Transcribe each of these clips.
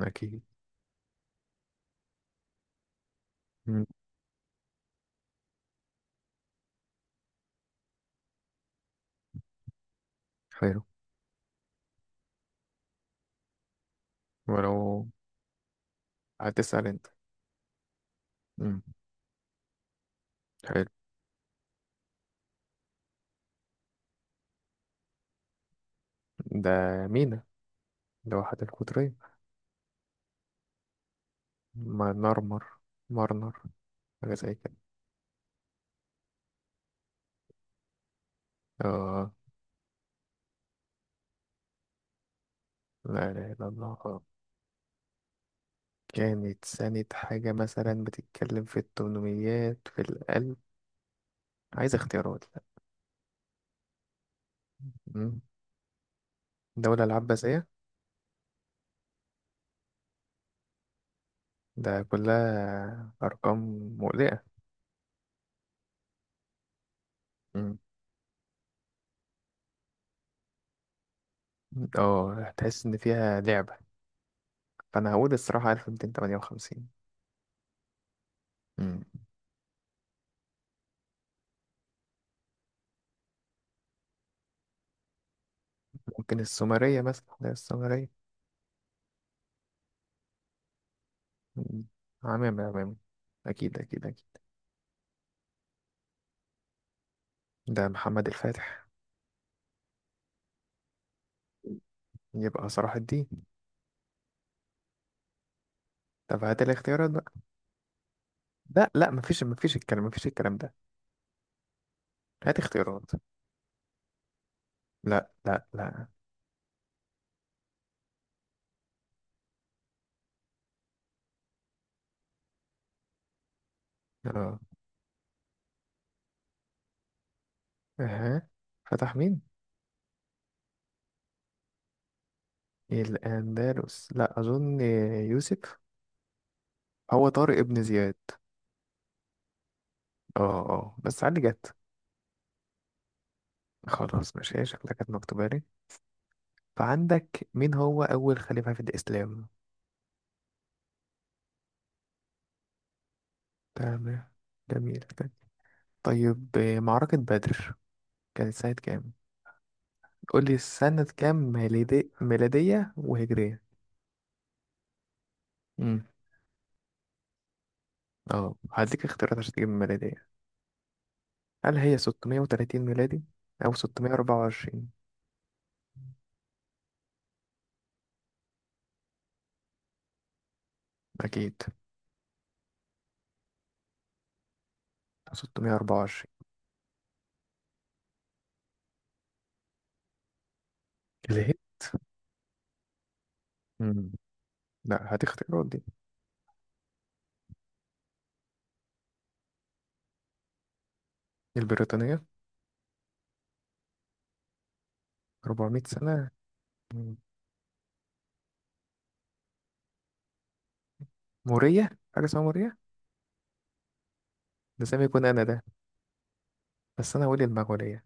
أكيد. مم. حلو. ولو. هتسأل أنت؟ مم. حلو. ده مينا، لوحة القطرين. ما نرمر، مرنر، حاجة زي كده. آه. لا إله إلا الله آه. كانت سنة حاجة مثلا بتتكلم في التمنميات في القلب. عايز اختيارات؟ لا. مم. دولة العباسية. ده كلها أرقام مقلقة. مم. اه، هتحس إن فيها لعبة، فأنا هقول الصراحة 1258. مم. ممكن السومرية مثلا، لا السومرية. مم. عمامة عمامة. أكيد أكيد أكيد. ده محمد الفاتح. يبقى صلاح الدين. طب هات الاختيارات بقى. لا لا، مفيش الكلام، ده. هات اختيارات. لا لا لا. اه. اها. فتح مين؟ الأندلس، لا أظن. يوسف. هو طارق ابن زياد. اه اه، بس علي جت. خلاص ماشي، هي شكلها كانت مكتوبة لي. فعندك، مين هو أول خليفة في الإسلام؟ تمام. جميل. طيب، معركة بدر كانت سنة كام؟ قولي سنة كام ميلادية وهجرية. امم اه هديك اختيارات عشان تجيب الميلادية. هل هي 630 ميلادي أو 624؟ أكيد 624. ليه؟ امم لا، هديك اختيارات دي. البريطانية. 400 سنة. مم. مورية، حاجة اسمها مورية؟ ده زي ما يكون أنا ده. بس أنا هقول المغولية.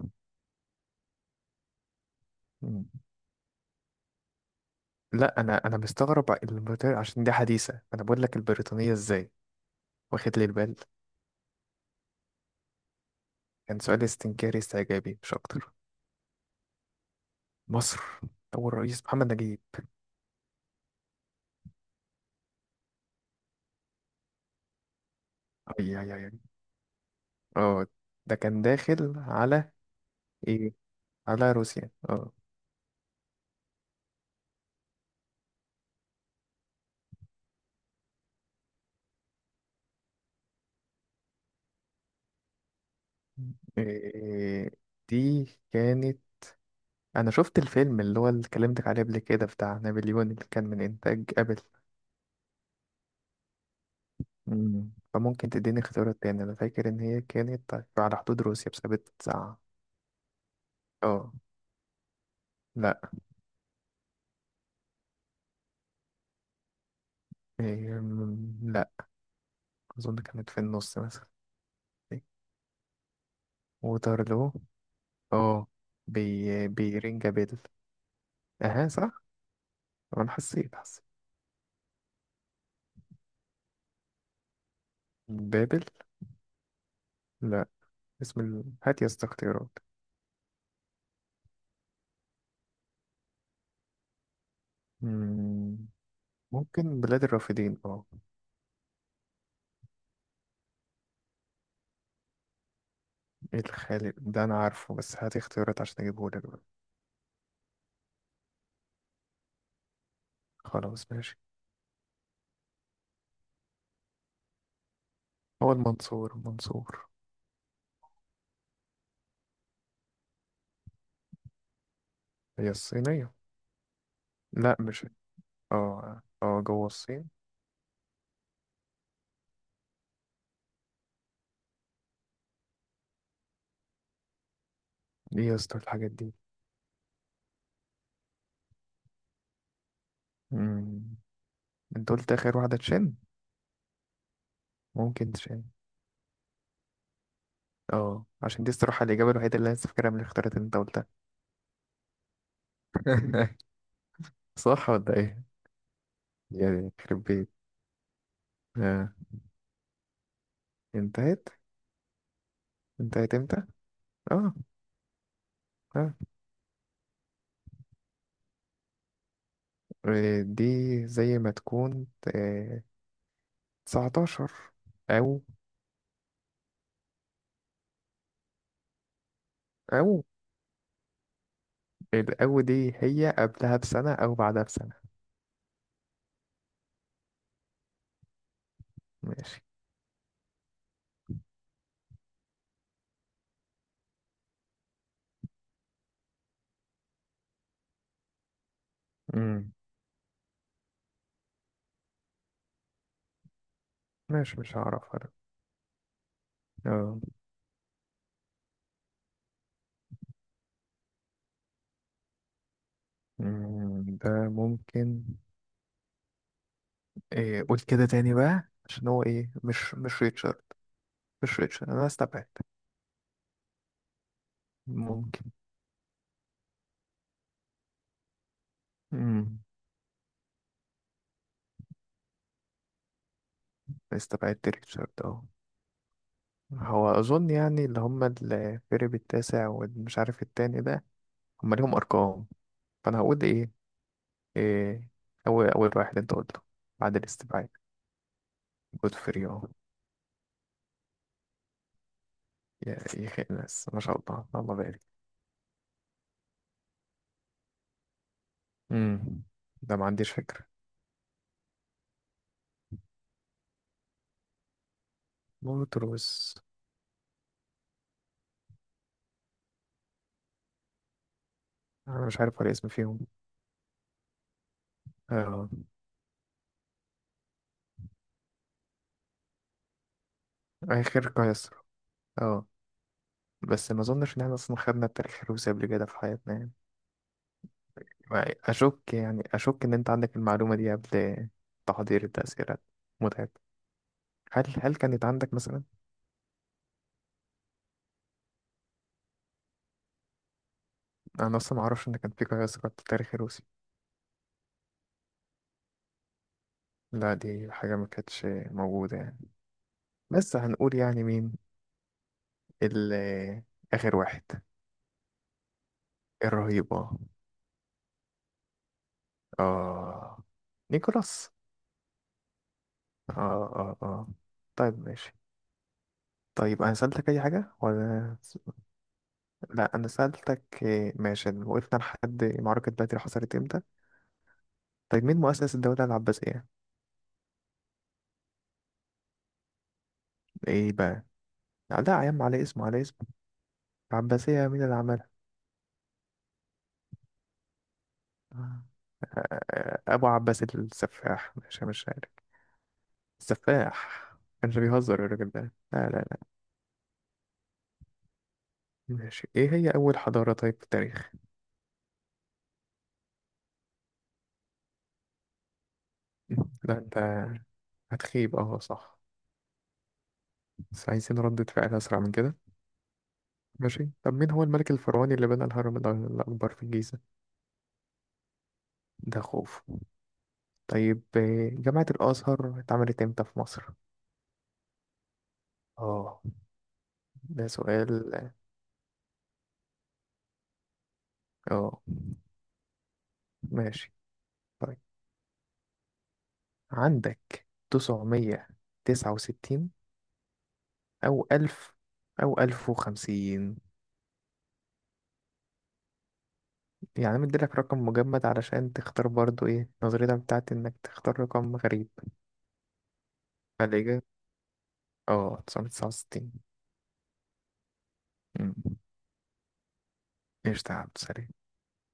مم. لا، أنا مستغرب البريطانية عشان دي حديثة، أنا بقول لك البريطانية إزاي، واخد لي البال. كان سؤال استنكاري استعجابي مش أكتر. مصر. أول رئيس محمد نجيب. أي أي أي أي. أه، ده كان داخل على إيه، على روسيا أه. إيه دي كانت، أنا شفت الفيلم اللي هو اللي كلمتك عليه قبل كده بتاع نابليون، اللي كان من إنتاج أبل. مم. فممكن تديني اختيارات تاني، أنا فاكر إن هي كانت على حدود روسيا بسبب التسعة. أه. لأ. إيه، لأ. أظن كانت في النص مثلا. وترلو. اه. بيرينجا بيل. اها صح. انا حسيت حسيت. بابل. لا. هات يا اسطى اختيارات. مم، ممكن بلاد الرافدين اه. الخالد ده انا عارفه، بس هات اختيارات عشان اجيبه لك بقى. خلاص ماشي. هو المنصور المنصور. هي الصينية. لا مش. اه اه، جوه الصين. ايه يا اسطى الحاجات دي؟ مم، انت قلت اخر واحدة تشين. ممكن تشين. اه، عشان دي الصراحة الإجابة الوحيدة اللي أنا فاكرها من الاختيارات اللي أنت قلتها. صح ولا ايه؟ يعني يخرب بيت. آه. انتهت. انتهت امتى؟ اه. اه. دي زي ما تكون آه. 19 او او الاو، دي هي قبلها بسنة او بعدها بسنة. ماشي. امم ماشي، مش هعرفها ده. اه. ده ممكن. إيه، قول كده تاني بقى عشان هو ايه، مش ريتشارد. مش ريتشارد، انا استبعدت. ممكن. امم استبعدت ريتشارد اهو. هو أظن يعني اللي هم الفريق التاسع والمش عارف التاني ده، هم ليهم أرقام. فأنا هقول إيه، إيه، أول واحد أنت قلته بعد الاستبعاد. جود فور يو. يا أخي، الناس ما شاء الله، الله بارك. امم ده ما عنديش فكرة. موتروس. أنا مش عارف ولا اسم فيهم. اه. آخر قيصر. اه، بس ما أظنش إن احنا أصلا خدنا التاريخ الروسي قبل كده في حياتنا يعني. يعني أشك إن أنت عندك المعلومة دي قبل تحضير التأثيرات. متعب. هل كانت عندك مثلا؟ انا اصلا ما اعرفش ان كان في قياس قد التاريخ الروسي. لا، دي حاجه ما كانتش موجوده يعني. بس هنقول يعني مين ال- اخر واحد. الرهيب اه. آه. نيكولاس. اه. اه اه. طيب ماشي. طيب انا سألتك اي حاجه ولا؟ لا انا سألتك إيه، ماشي وقفنا لحد معركه بدر حصلت امتى. طيب مين مؤسس الدوله العباسيه؟ ايه بقى؟ لا يا عم، على اسمه على اسمه. العباسيه مين اللي عملها؟ ابو عباس السفاح، مش عارف. السفاح. كانش بيهزر الراجل ده، لا لا لا. ماشي، ايه هي اول حضارة طيب في التاريخ؟ لا انت هتخيب. اه صح. بس عايزين ردة فعل اسرع من كده. ماشي. طب مين هو الملك الفرعوني اللي بنى الهرم الاكبر في الجيزة؟ ده خوف. طيب، جامعة الازهر اتعملت امتى في مصر؟ اه ده سؤال. اه، ماشي. طيب عندك 969، او الف، او الف وخمسين. يعني مديلك رقم مجمد علشان تختار برضو، ايه نظريتك بتاعت انك تختار رقم غريب؟ فالإجابة اه تسعمية تسعة وستين. قشطة يا عبد السلام.